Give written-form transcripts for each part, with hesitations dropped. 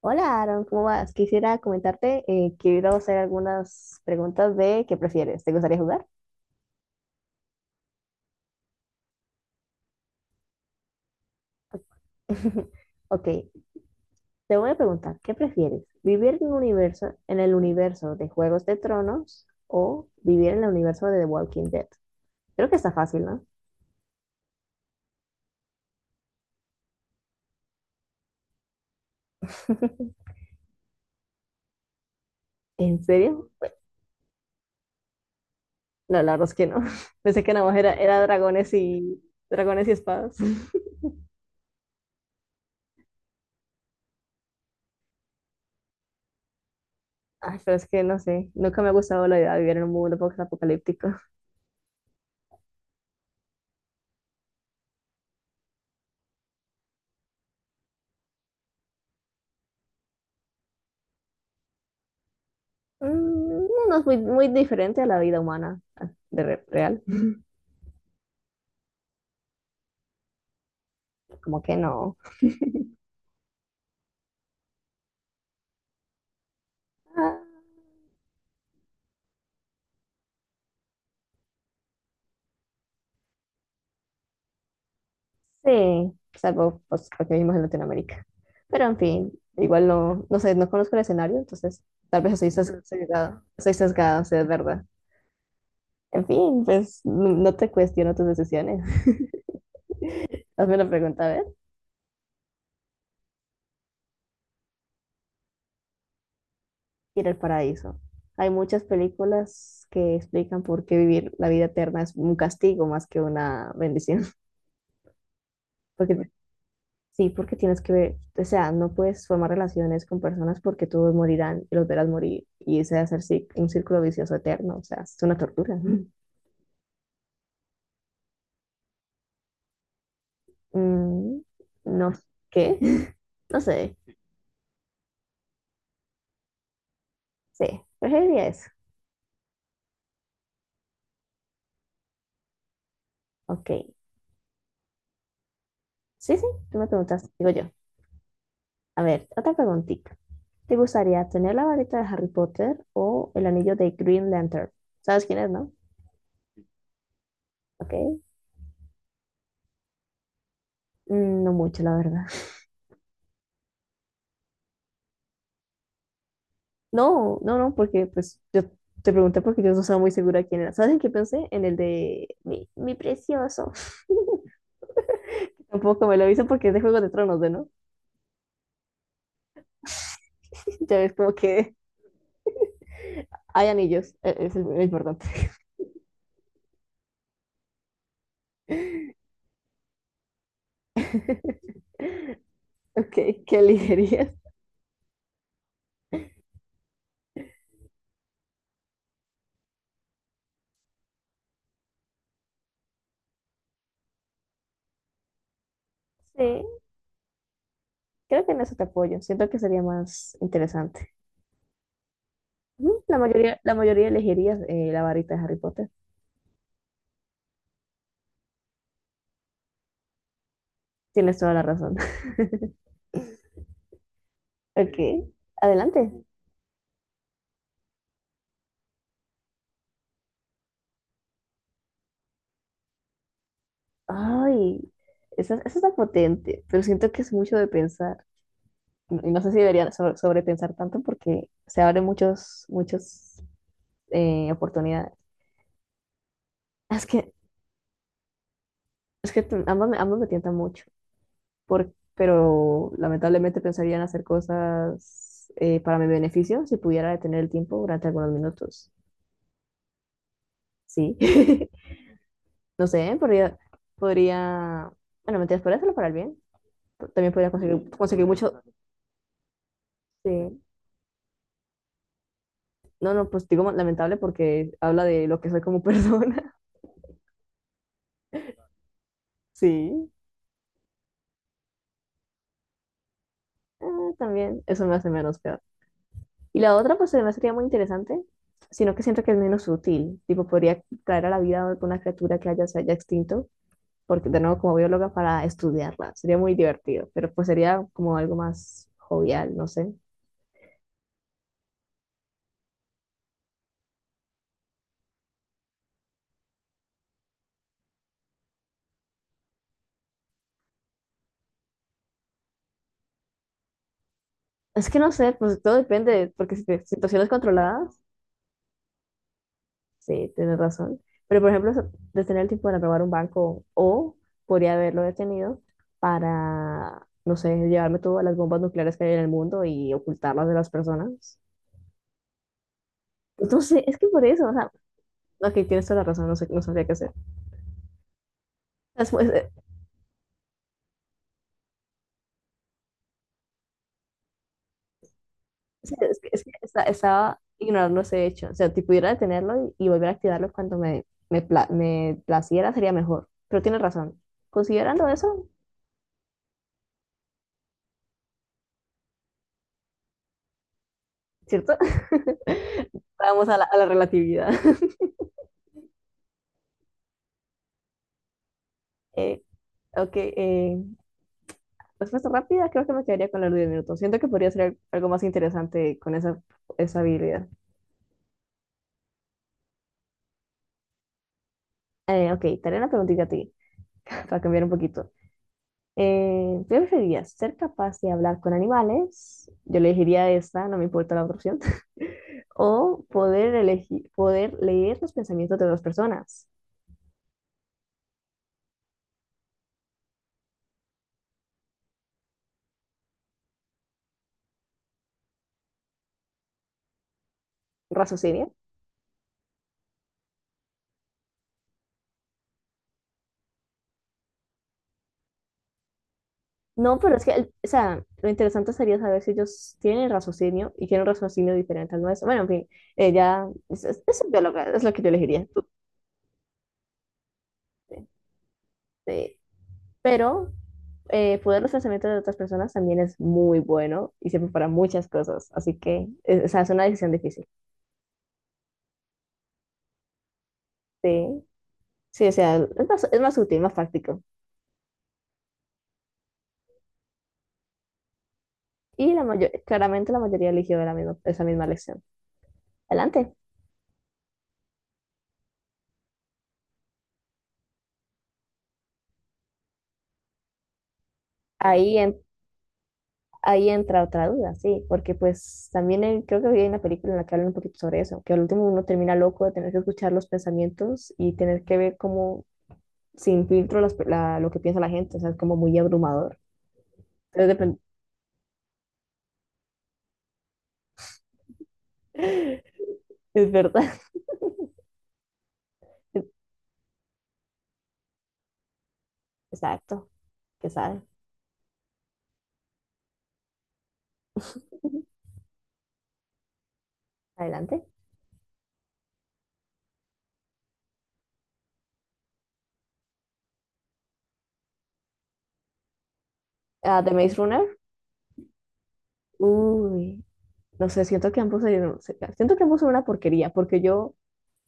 Hola, Aaron, ¿cómo vas? Quisiera comentarte, quiero hacer algunas preguntas de ¿qué prefieres? ¿Te gustaría jugar? Ok, te voy a preguntar, ¿qué prefieres? ¿Vivir en un universo, en el universo de Juegos de Tronos o vivir en el universo de The Walking Dead? Creo que está fácil, ¿no? ¿En serio? No, la verdad es que no. Pensé que nada más era dragones y dragones y espadas. Ay, pero es que no sé, nunca me ha gustado la idea de vivir en un mundo post-apocalíptico. Mm, no no es muy diferente a la vida humana ah, de real. Como que no. Ah, sí, salvo pues, porque vivimos en Latinoamérica. Pero en fin, igual no, no sé, no conozco el escenario, entonces tal vez soy sesgada, soy sesgada, o sea, es verdad. En fin, pues no te cuestiono tus decisiones. Hazme la pregunta, a ver. Ir al paraíso. Hay muchas películas que explican por qué vivir la vida eterna es un castigo más que una bendición. Porque sí, porque tienes que ver, o sea, no puedes formar relaciones con personas porque todos morirán y los verás morir y ese va a ser un círculo vicioso eterno, o sea, es una tortura. Mm. Mm, no, ¿qué? No sé, sí, preferiría eso. Ok, sí, sí, tú me preguntas, digo yo. A ver, otra preguntita. ¿Te gustaría tener la varita de Harry Potter o el anillo de Green Lantern? ¿Sabes quién es, no? Ok, mm, no mucho, la verdad. No, no, no, porque pues yo te pregunté porque yo no estaba muy segura quién era. ¿Sabes en qué pensé? En el de mi precioso. Tampoco me lo hizo porque es de Juego de Tronos, ¿de no? Ya ves, como que hay anillos, es lo importante. Ok, ¿qué elegirías? Sí, creo que en eso te apoyo. Siento que sería más interesante. Ujú, la mayoría, la mayoría elegirías la varita de Harry Potter. Tienes toda la razón. Ok, adelante. Ay, esa está potente, pero siento que es mucho de pensar. Y no sé si deberían sobrepensar tanto porque se abren muchos, muchas oportunidades. Es que, ambos, ambos me tientan mucho, pero lamentablemente pensaría en hacer cosas para mi beneficio si pudiera detener el tiempo durante algunos minutos. Sí, no sé, podría, bueno, mentiras, podría hacerlo para el bien. También podría conseguir mucho, sí. No, no, pues digo lamentable porque habla de lo que soy como persona. Sí. Ah, también, eso me hace menos peor. Y la otra, pues además sería muy interesante, sino que siento que es menos útil. Tipo, podría traer a la vida alguna criatura que se haya extinto, porque de nuevo, como bióloga, para estudiarla. Sería muy divertido, pero pues sería como algo más jovial, no sé. Es que no sé, pues todo depende, porque si situaciones controladas, sí, tienes razón. Pero, por ejemplo, detener el tipo para robar un banco o podría haberlo detenido para, no sé, llevarme todas las bombas nucleares que hay en el mundo y ocultarlas de las personas. Entonces, es que por eso, o sea, ok, tienes toda la razón, no sé, no sabría qué hacer. Es, pues, sí, estaba ignorando ese hecho. O sea, si pudiera detenerlo y volver a activarlo cuando me placiera, sería mejor. Pero tienes razón. Considerando eso, ¿cierto? Vamos a a la relatividad. Eh, Ok, eh, respuesta rápida, creo que me quedaría con los 10 minutos. Siento que podría ser algo más interesante con esa habilidad. Ok, te haré una preguntita a ti, para cambiar un poquito. ¿Qué preferirías? ¿Ser capaz de hablar con animales? Yo elegiría esta, no me importa la otra opción. ¿O poder leer los pensamientos de las personas? No, pero es que, o sea, lo interesante sería saber si ellos tienen raciocinio y tienen un raciocinio diferente al nuestro. Bueno, en fin, ella es bióloga, es lo que yo elegiría. Sí. Pero poder los pensamientos de otras personas también es muy bueno y sirve para muchas cosas. Así que, o sea, es una decisión difícil. Sí, sí, o sea, es más útil, más práctico. Y la claramente la mayoría eligió la misma, esa misma lección. Adelante. Ahí en Ahí entra otra duda, sí, porque pues también creo que había una película en la que hablan un poquito sobre eso, que al último uno termina loco de tener que escuchar los pensamientos y tener que ver cómo sin filtro lo que piensa la gente, o sea, es como muy abrumador. Entonces, es verdad. Exacto, que sabe. Adelante. Ah, The Maze Runner. Uy, no sé, siento que siento que ambos son una porquería, porque yo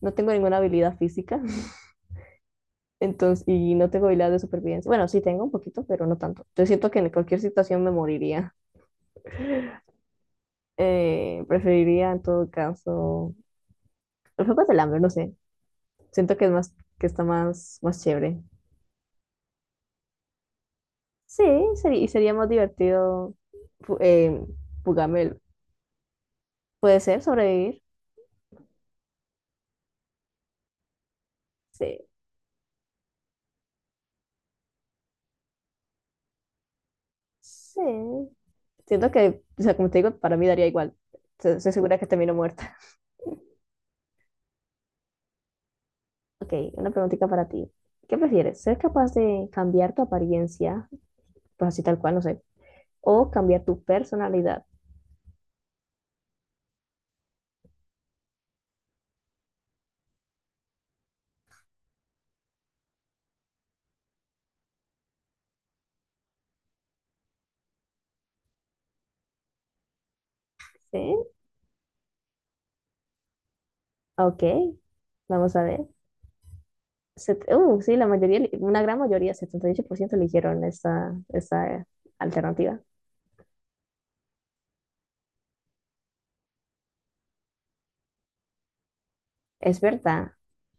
no tengo ninguna habilidad física. Entonces, y no tengo habilidades de supervivencia. Bueno, sí tengo un poquito, pero no tanto. Yo siento que en cualquier situación me moriría. Preferiría en todo caso los juegos del hambre, no sé. Siento que es más, que está más, más chévere. Sí, sería, y sería más divertido fu- eh, fugarme el- puede ser sobrevivir. Sí, sí. Siento que, o sea, como te digo, para mí daría igual. Estoy segura que termino muerta. Ok, una preguntita para ti. ¿Qué prefieres? ¿Ser capaz de cambiar tu apariencia, pues así tal cual, no sé, o cambia tu personalidad. ¿Sí? Ok, vamos a ver. Sí, la mayoría, una gran mayoría, 78% eligieron esta, alternativa. Es verdad.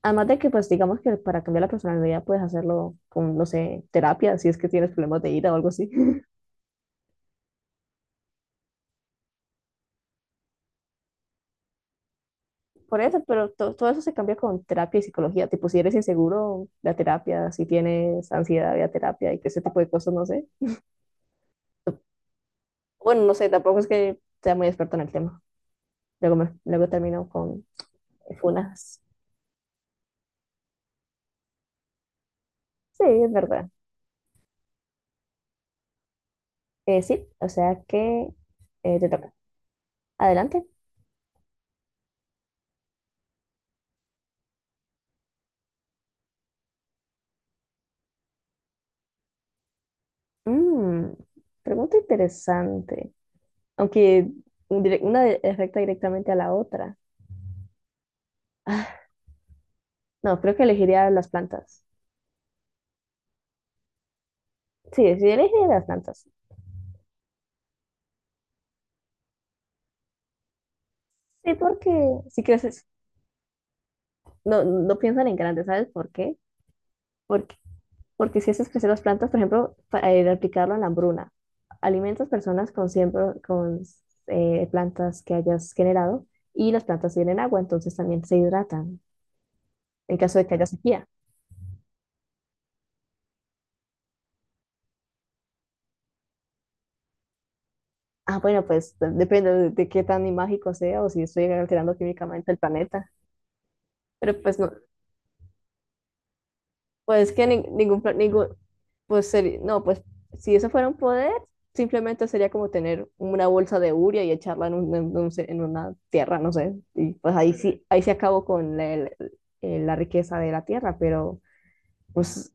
Además de que, pues, digamos que para cambiar la personalidad puedes hacerlo con, no sé, terapia, si es que tienes problemas de ira o algo así. Por eso, pero todo eso se cambia con terapia y psicología. Tipo, si eres inseguro, la terapia, si tienes ansiedad, la terapia y que ese tipo de cosas, no sé. Bueno, no sé, tampoco es que sea muy experto en el tema. Luego, luego termino con funas. Sí, es verdad. Sí, o sea que te toca. Adelante. Mm, pregunta interesante. Aunque un dire- una de- afecta directamente a la otra. Ah, no, creo que elegiría las plantas. Sí, sí, elegiría las plantas. Sí, porque si creces, no, no piensan en grande, ¿sabes por qué? Porque Porque si haces crecer las plantas, por ejemplo, para replicarlo en la hambruna, alimentas personas con, siempre, con plantas que hayas generado y las plantas tienen agua, entonces también se hidratan en caso de que haya sequía. Ah, bueno, pues depende de qué tan mágico sea o si estoy alterando químicamente el planeta. Pero pues no, pues que ni- ningún, pla- ningún, Pues seri- no, pues si eso fuera un poder, simplemente sería como tener una bolsa de urea y echarla en, en una tierra, no sé. Y pues ahí sí, ahí se acabó con la riqueza de la tierra, pero pues,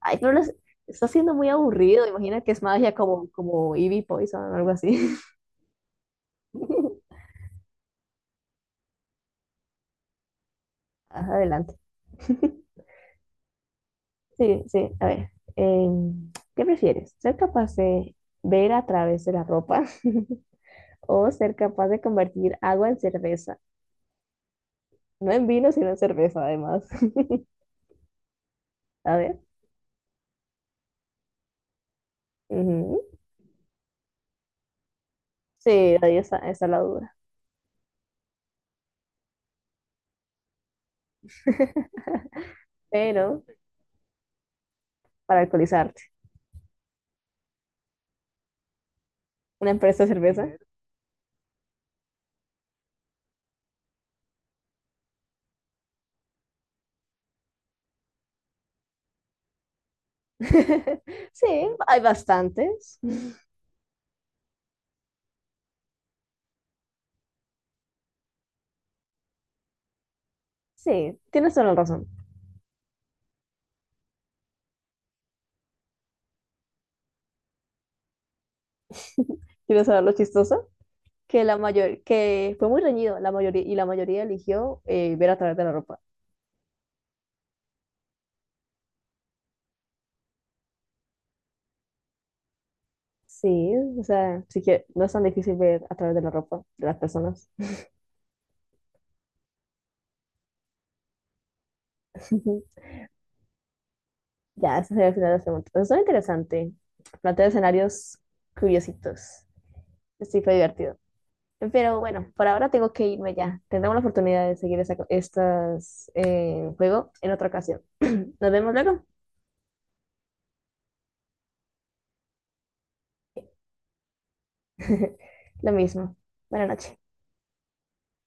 ay, está siendo muy aburrido. Imagina que es magia como Eevee Poison o algo así. Ajá, adelante. Sí, sí, a ver. Em, ¿qué prefieres? ¿Ser capaz de ver a través de la ropa o ser capaz de convertir agua en cerveza? No en vino, sino en cerveza, además. A ver. Ujú. Sí, ahí está la duda. Pero para alcoholizarte, una empresa de cerveza. Sí, hay bastantes. Sí, tienes toda la razón. ¿Quieres saber lo chistoso? Que la mayor, que fue muy reñido, la mayoría y la mayoría eligió ver a través de la ropa. Sí, o sea, sí que no es tan difícil ver a través de la ropa de las personas. Ya, ese sería el final de las preguntas. Eso es interesante. Plantea escenarios curiositos. Sí, fue divertido. Pero bueno, por ahora tengo que irme ya. Tendremos la oportunidad de seguir estas, juego en otra ocasión. Nos vemos luego. Lo mismo. Buenas noches.